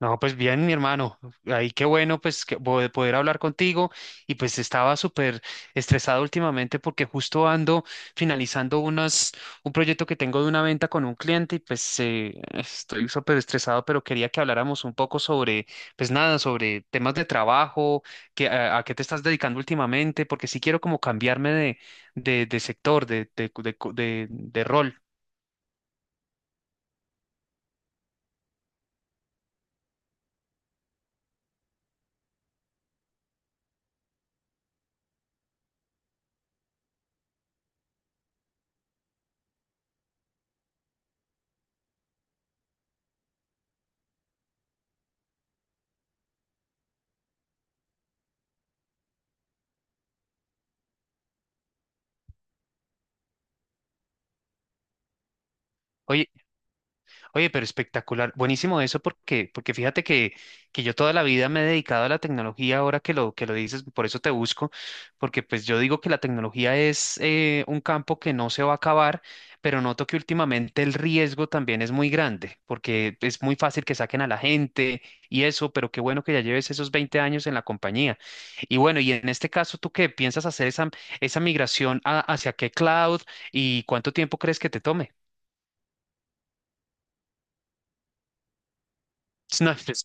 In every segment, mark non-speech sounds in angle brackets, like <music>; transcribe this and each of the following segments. No, pues bien, mi hermano. Ahí qué bueno, pues, que poder hablar contigo. Y pues estaba súper estresado últimamente porque justo ando finalizando unas, un proyecto que tengo de una venta con un cliente y pues estoy súper estresado, pero quería que habláramos un poco sobre, pues nada, sobre temas de trabajo, que, a qué te estás dedicando últimamente, porque sí quiero como cambiarme de, de sector, de rol. Oye. Oye, pero espectacular, buenísimo eso porque, porque fíjate que yo toda la vida me he dedicado a la tecnología, ahora que que lo dices, por eso te busco, porque pues yo digo que la tecnología es un campo que no se va a acabar, pero noto que últimamente el riesgo también es muy grande, porque es muy fácil que saquen a la gente y eso, pero qué bueno que ya lleves esos 20 años en la compañía. Y bueno, y en este caso, ¿tú qué piensas hacer esa migración hacia qué cloud y cuánto tiempo crees que te tome? <laughs> No, pues.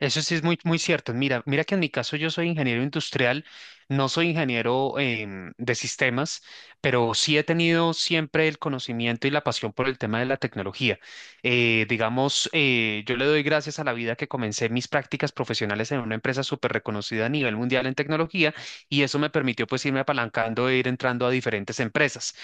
Eso sí es muy, muy cierto. Mira, mira que en mi caso yo soy ingeniero industrial, no soy ingeniero de sistemas, pero sí he tenido siempre el conocimiento y la pasión por el tema de la tecnología. Digamos, yo le doy gracias a la vida que comencé mis prácticas profesionales en una empresa súper reconocida a nivel mundial en tecnología y eso me permitió pues irme apalancando e ir entrando a diferentes empresas.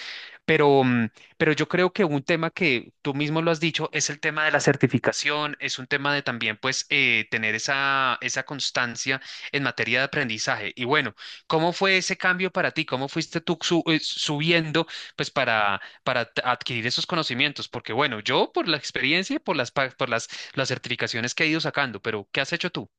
Pero, pero yo creo que un tema que tú mismo lo has dicho es el tema de la certificación, es un tema de también pues tener esa constancia en materia de aprendizaje. Y bueno, ¿cómo fue ese cambio para ti? ¿Cómo fuiste tú subiendo pues para, adquirir esos conocimientos? Porque bueno, yo por la experiencia y por las, por las certificaciones que he ido sacando, pero ¿qué has hecho tú?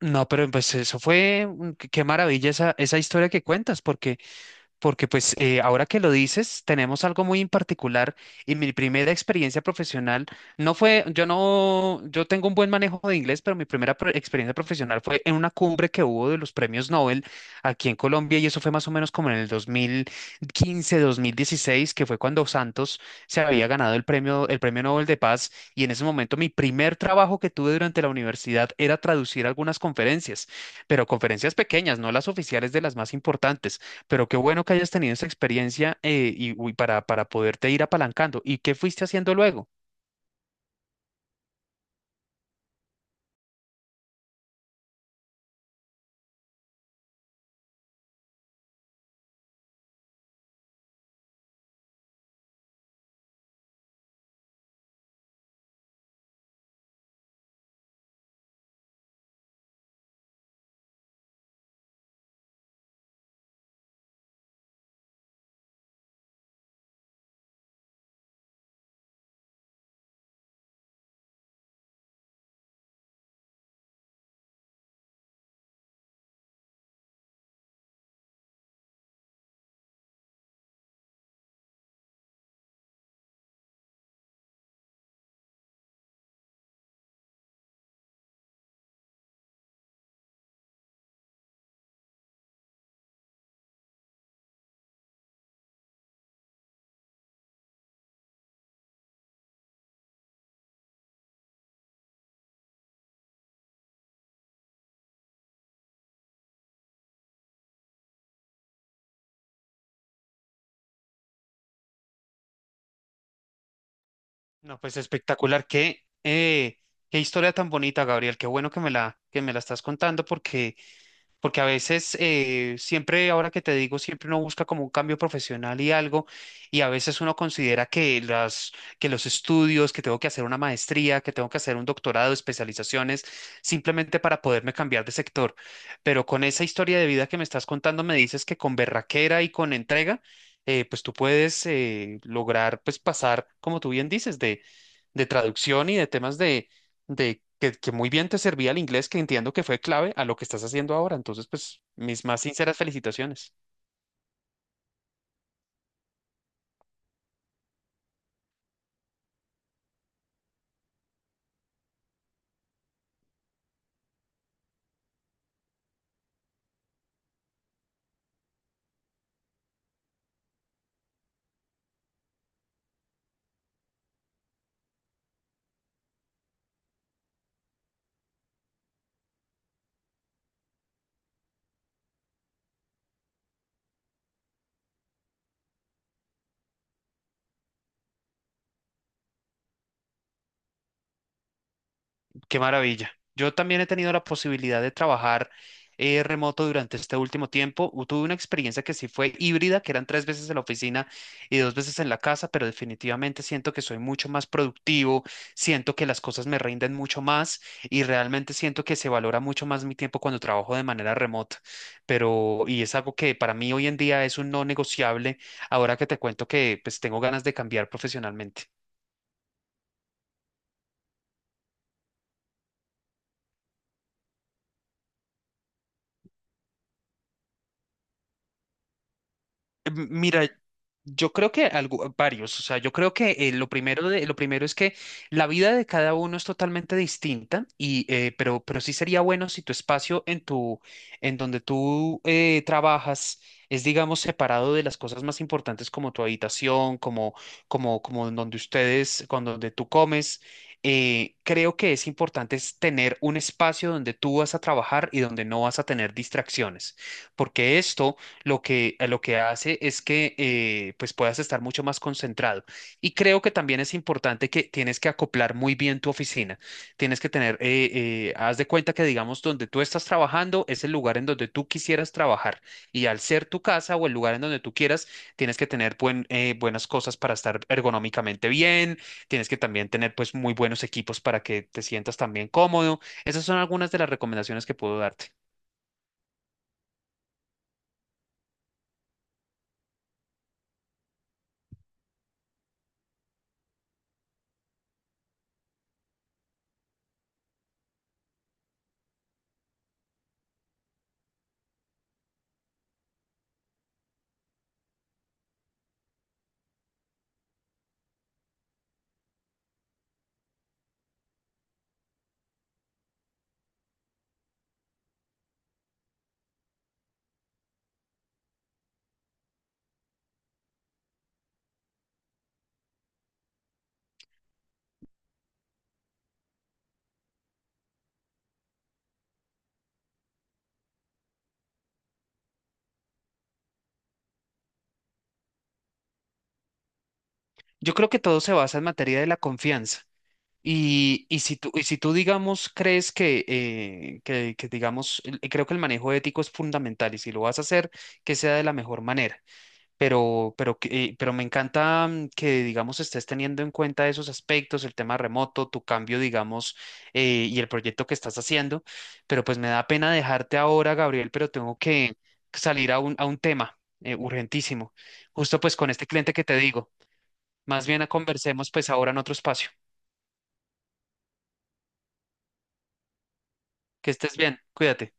No, pero pues eso fue, qué qué maravilla esa historia que cuentas, porque porque pues ahora que lo dices, tenemos algo muy en particular y mi primera experiencia profesional no fue, yo no, yo tengo un buen manejo de inglés, pero mi primera experiencia profesional fue en una cumbre que hubo de los premios Nobel aquí en Colombia y eso fue más o menos como en el 2015, 2016, que fue cuando Santos se había ganado el premio Nobel de Paz, y en ese momento mi primer trabajo que tuve durante la universidad era traducir algunas conferencias, pero conferencias pequeñas, no las oficiales de las más importantes. Pero qué bueno que hayas tenido esa experiencia y uy, para poderte ir apalancando. ¿Y qué fuiste haciendo luego? No, pues espectacular. Qué, qué historia tan bonita, Gabriel. Qué bueno que me la estás contando, porque porque a veces, siempre, ahora que te digo, siempre uno busca como un cambio profesional y algo, y a veces uno considera que las, que los estudios, que tengo que hacer una maestría, que tengo que hacer un doctorado, especializaciones, simplemente para poderme cambiar de sector. Pero con esa historia de vida que me estás contando, me dices que con berraquera y con entrega, pues tú puedes lograr, pues pasar, como tú bien dices, de traducción y de temas de que muy bien te servía el inglés, que entiendo que fue clave a lo que estás haciendo ahora. Entonces, pues, mis más sinceras felicitaciones. Qué maravilla. Yo también he tenido la posibilidad de trabajar remoto durante este último tiempo. Tuve una experiencia que sí fue híbrida, que eran tres veces en la oficina y dos veces en la casa, pero definitivamente siento que soy mucho más productivo, siento que las cosas me rinden mucho más y realmente siento que se valora mucho más mi tiempo cuando trabajo de manera remota. Pero, y es algo que para mí hoy en día es un no negociable, ahora que te cuento que pues tengo ganas de cambiar profesionalmente. Mira. Yo creo que varios, o sea, yo creo que lo primero lo primero es que la vida de cada uno es totalmente distinta y pero sí sería bueno si tu espacio en tu en donde tú trabajas es digamos separado de las cosas más importantes como tu habitación, como como en donde ustedes, con donde tú comes. Eh, creo que es importante es tener un espacio donde tú vas a trabajar y donde no vas a tener distracciones, porque esto lo que, a lo que hace es que pues puedas estar mucho más concentrado. Y creo que también es importante que tienes que acoplar muy bien tu oficina. Tienes que tener, haz de cuenta que digamos donde tú estás trabajando es el lugar en donde tú quisieras trabajar. Y al ser tu casa o el lugar en donde tú quieras, tienes que tener buenas cosas para estar ergonómicamente bien. Tienes que también tener pues muy buenos equipos para que te sientas también cómodo. Esas son algunas de las recomendaciones que puedo darte. Yo creo que todo se basa en materia de la confianza. Y, y si tú, digamos, crees que, digamos, creo que el manejo ético es fundamental y si lo vas a hacer, que sea de la mejor manera. Pero, pero me encanta que, digamos, estés teniendo en cuenta esos aspectos, el tema remoto, tu cambio, digamos, y el proyecto que estás haciendo. Pero pues me da pena dejarte ahora, Gabriel, pero tengo que salir a un tema urgentísimo, justo pues con este cliente que te digo. Más bien conversemos pues ahora en otro espacio. Que estés bien, cuídate.